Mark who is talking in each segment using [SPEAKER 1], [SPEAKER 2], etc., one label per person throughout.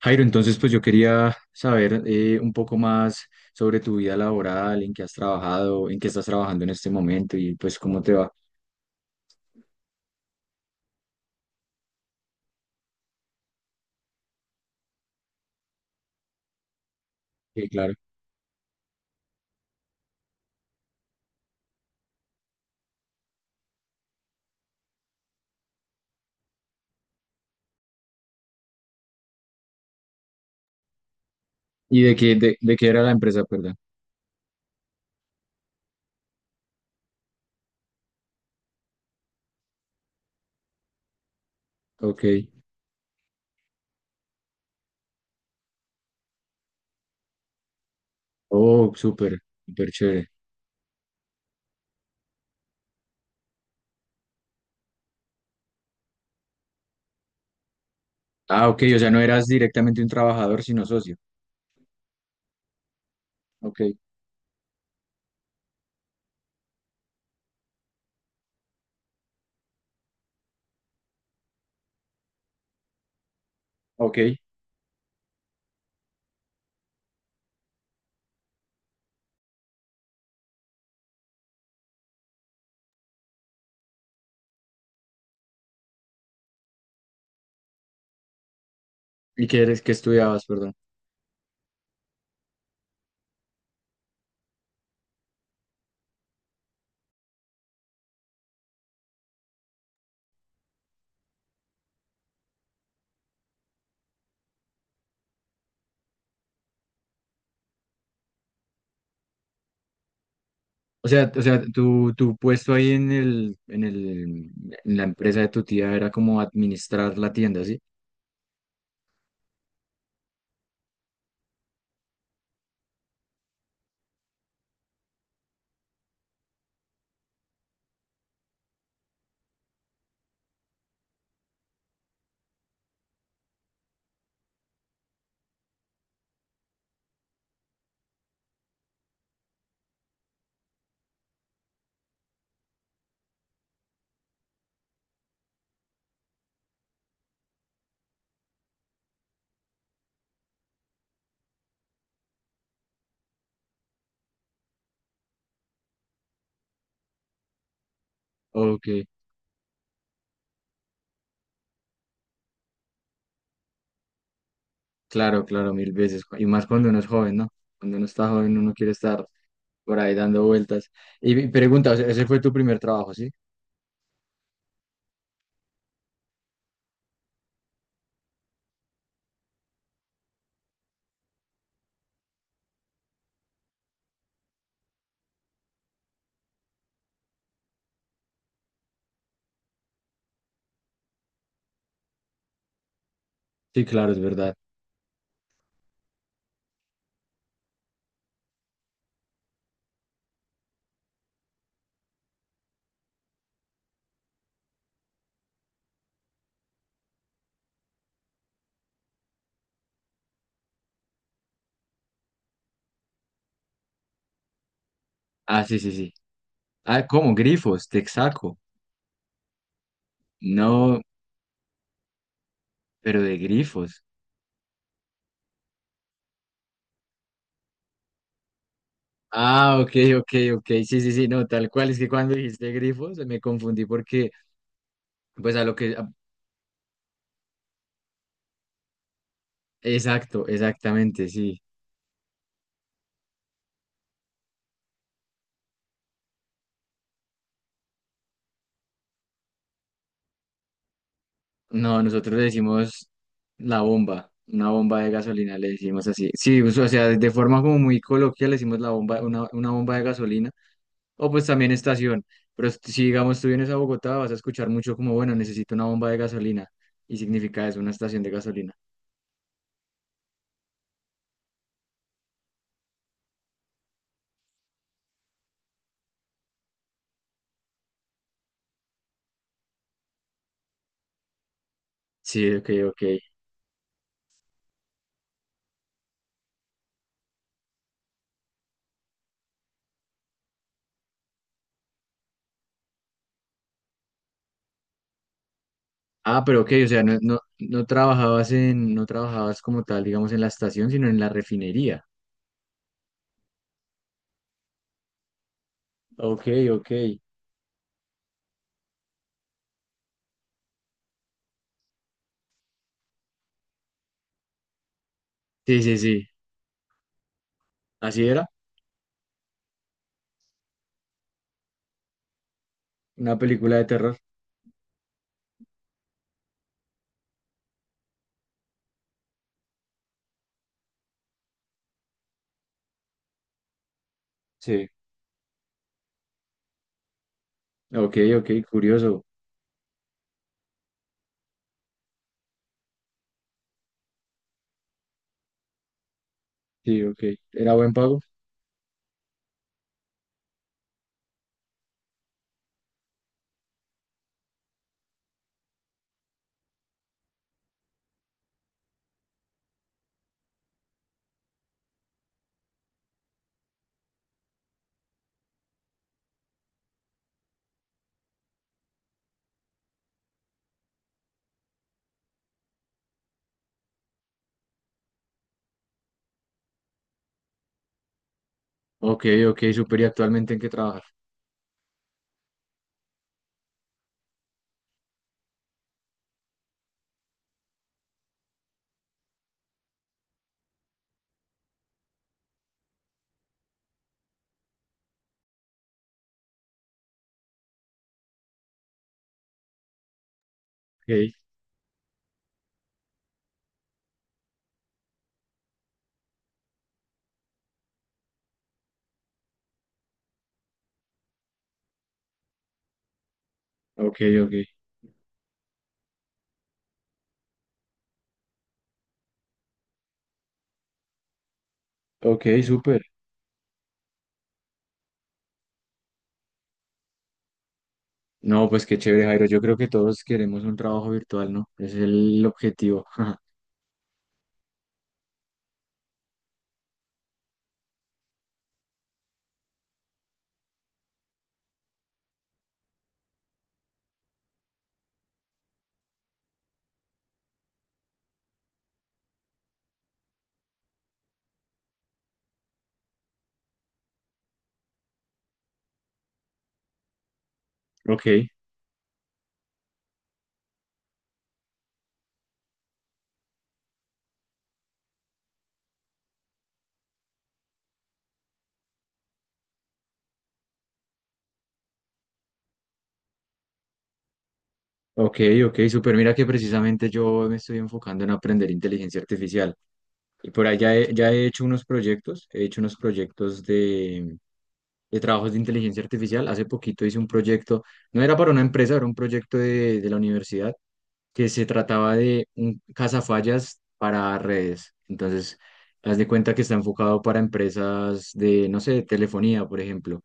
[SPEAKER 1] Jairo, entonces pues yo quería saber un poco más sobre tu vida laboral, en qué has trabajado, en qué estás trabajando en este momento y pues cómo te va. Sí, claro. ¿Y de qué, de qué era la empresa, perdón? Ok. Oh, súper, súper chévere. Ah, ok, o sea, no eras directamente un trabajador, sino socio. Ok, ok. ¿Y qué eres, qué estudiabas, perdón? O sea, tu puesto ahí en el, en la empresa de tu tía era como administrar la tienda, ¿sí? Ok. Claro, claro, mil veces. Y más cuando uno es joven, ¿no? Cuando uno está joven, uno quiere estar por ahí dando vueltas. Y mi pregunta, o sea, ese fue tu primer trabajo, ¿sí? Sí, claro, es verdad. Ah, sí, sí, sí. Ah, ¿cómo? Grifos, Texaco. No, pero de grifos. Ah, ok, ok, ok. Sí, sí, sí, no, tal cual. Es que cuando dijiste grifos me confundí porque, pues a lo que... Exacto, exactamente, sí. No, nosotros le decimos la bomba, una bomba de gasolina, le decimos así. Sí, pues, o sea, de forma como muy coloquial le decimos la bomba, una bomba de gasolina, o pues también estación. Pero si, digamos tú vienes a Bogotá, vas a escuchar mucho como, bueno, necesito una bomba de gasolina. Y significa eso, una estación de gasolina. Sí, ok, ok. Ah, pero ok, o sea, no, no, no trabajabas en, no trabajabas como tal, digamos, en la estación, sino en la refinería. Ok, ok. Sí, sí, sí. Así era, una película de terror. Sí. Ok, ok, curioso. Sí, ok. ¿Era buen pago? Ok, ok, súper. ¿Y actualmente en qué trabajar? Ok, ok, ok. Ok, súper. No, pues qué chévere, Jairo. Yo creo que todos queremos un trabajo virtual, ¿no? Ese es el objetivo. Ok, ok, ok, súper. Mira que precisamente yo me estoy enfocando en aprender inteligencia artificial. Y por ahí ya he hecho unos proyectos, he hecho unos proyectos de trabajos de inteligencia artificial. Hace poquito hice un proyecto, no era para una empresa, era un proyecto de la universidad que se trataba de un cazafallas para redes. Entonces, haz de cuenta que está enfocado para empresas de, no sé, de telefonía, por ejemplo,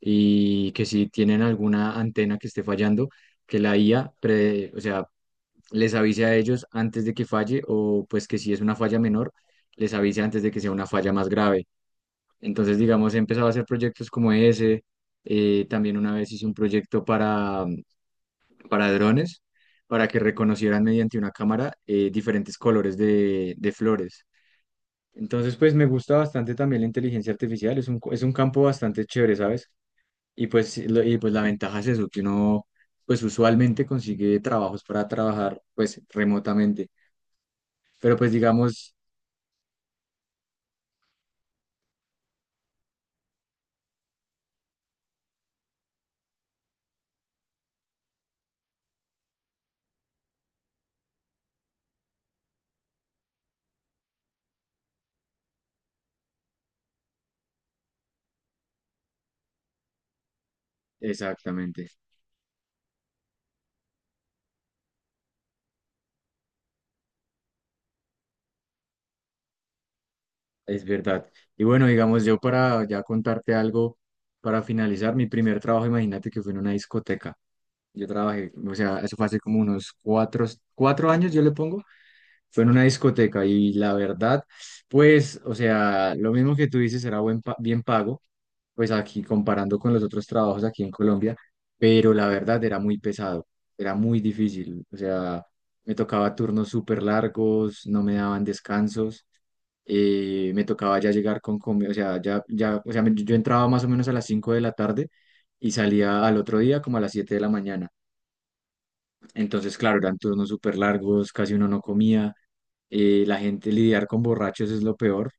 [SPEAKER 1] y que si tienen alguna antena que esté fallando, que la IA, o sea, les avise a ellos antes de que falle o pues que si es una falla menor, les avise antes de que sea una falla más grave. Entonces, digamos, he empezado a hacer proyectos como ese. También una vez hice un proyecto para drones para que reconocieran mediante una cámara diferentes colores de flores. Entonces, pues me gusta bastante también la inteligencia artificial, es un, es un campo bastante chévere, ¿sabes? Y pues, sí, y pues la ventaja es eso, que uno pues usualmente consigue trabajos para trabajar pues remotamente, pero pues digamos, exactamente, es verdad. Y bueno, digamos, yo para ya contarte algo, para finalizar, mi primer trabajo, imagínate que fue en una discoteca. Yo trabajé, o sea, eso fue hace como unos cuatro, cuatro años, yo le pongo, fue en una discoteca y la verdad, pues, o sea, lo mismo que tú dices, era bien pago, pues aquí comparando con los otros trabajos aquí en Colombia, pero la verdad era muy pesado, era muy difícil, o sea, me tocaba turnos súper largos, no me daban descansos, me tocaba ya llegar con comida, o sea, ya, ya, o sea, yo entraba más o menos a las 5 de la tarde y salía al otro día como a las 7 de la mañana. Entonces, claro, eran turnos súper largos, casi uno no comía. La gente lidiar con borrachos es lo peor,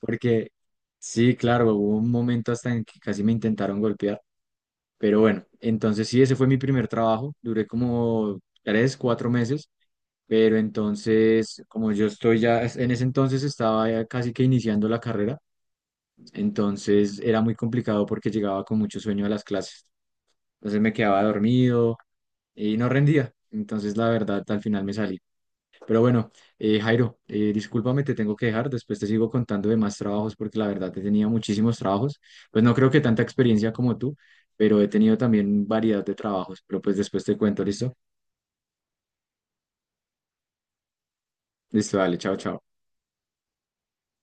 [SPEAKER 1] porque sí, claro, hubo un momento hasta en que casi me intentaron golpear. Pero bueno, entonces sí, ese fue mi primer trabajo. Duré como tres, cuatro meses. Pero entonces, como yo estoy ya, en ese entonces estaba ya casi que iniciando la carrera, entonces era muy complicado porque llegaba con mucho sueño a las clases. Entonces me quedaba dormido y no rendía. Entonces, la verdad, al final me salí. Pero bueno, Jairo, discúlpame, te tengo que dejar. Después te sigo contando de más trabajos porque la verdad he tenido muchísimos trabajos. Pues no creo que tanta experiencia como tú, pero he tenido también variedad de trabajos. Pero pues después te cuento, ¿listo? Listo, dale, chao, chao.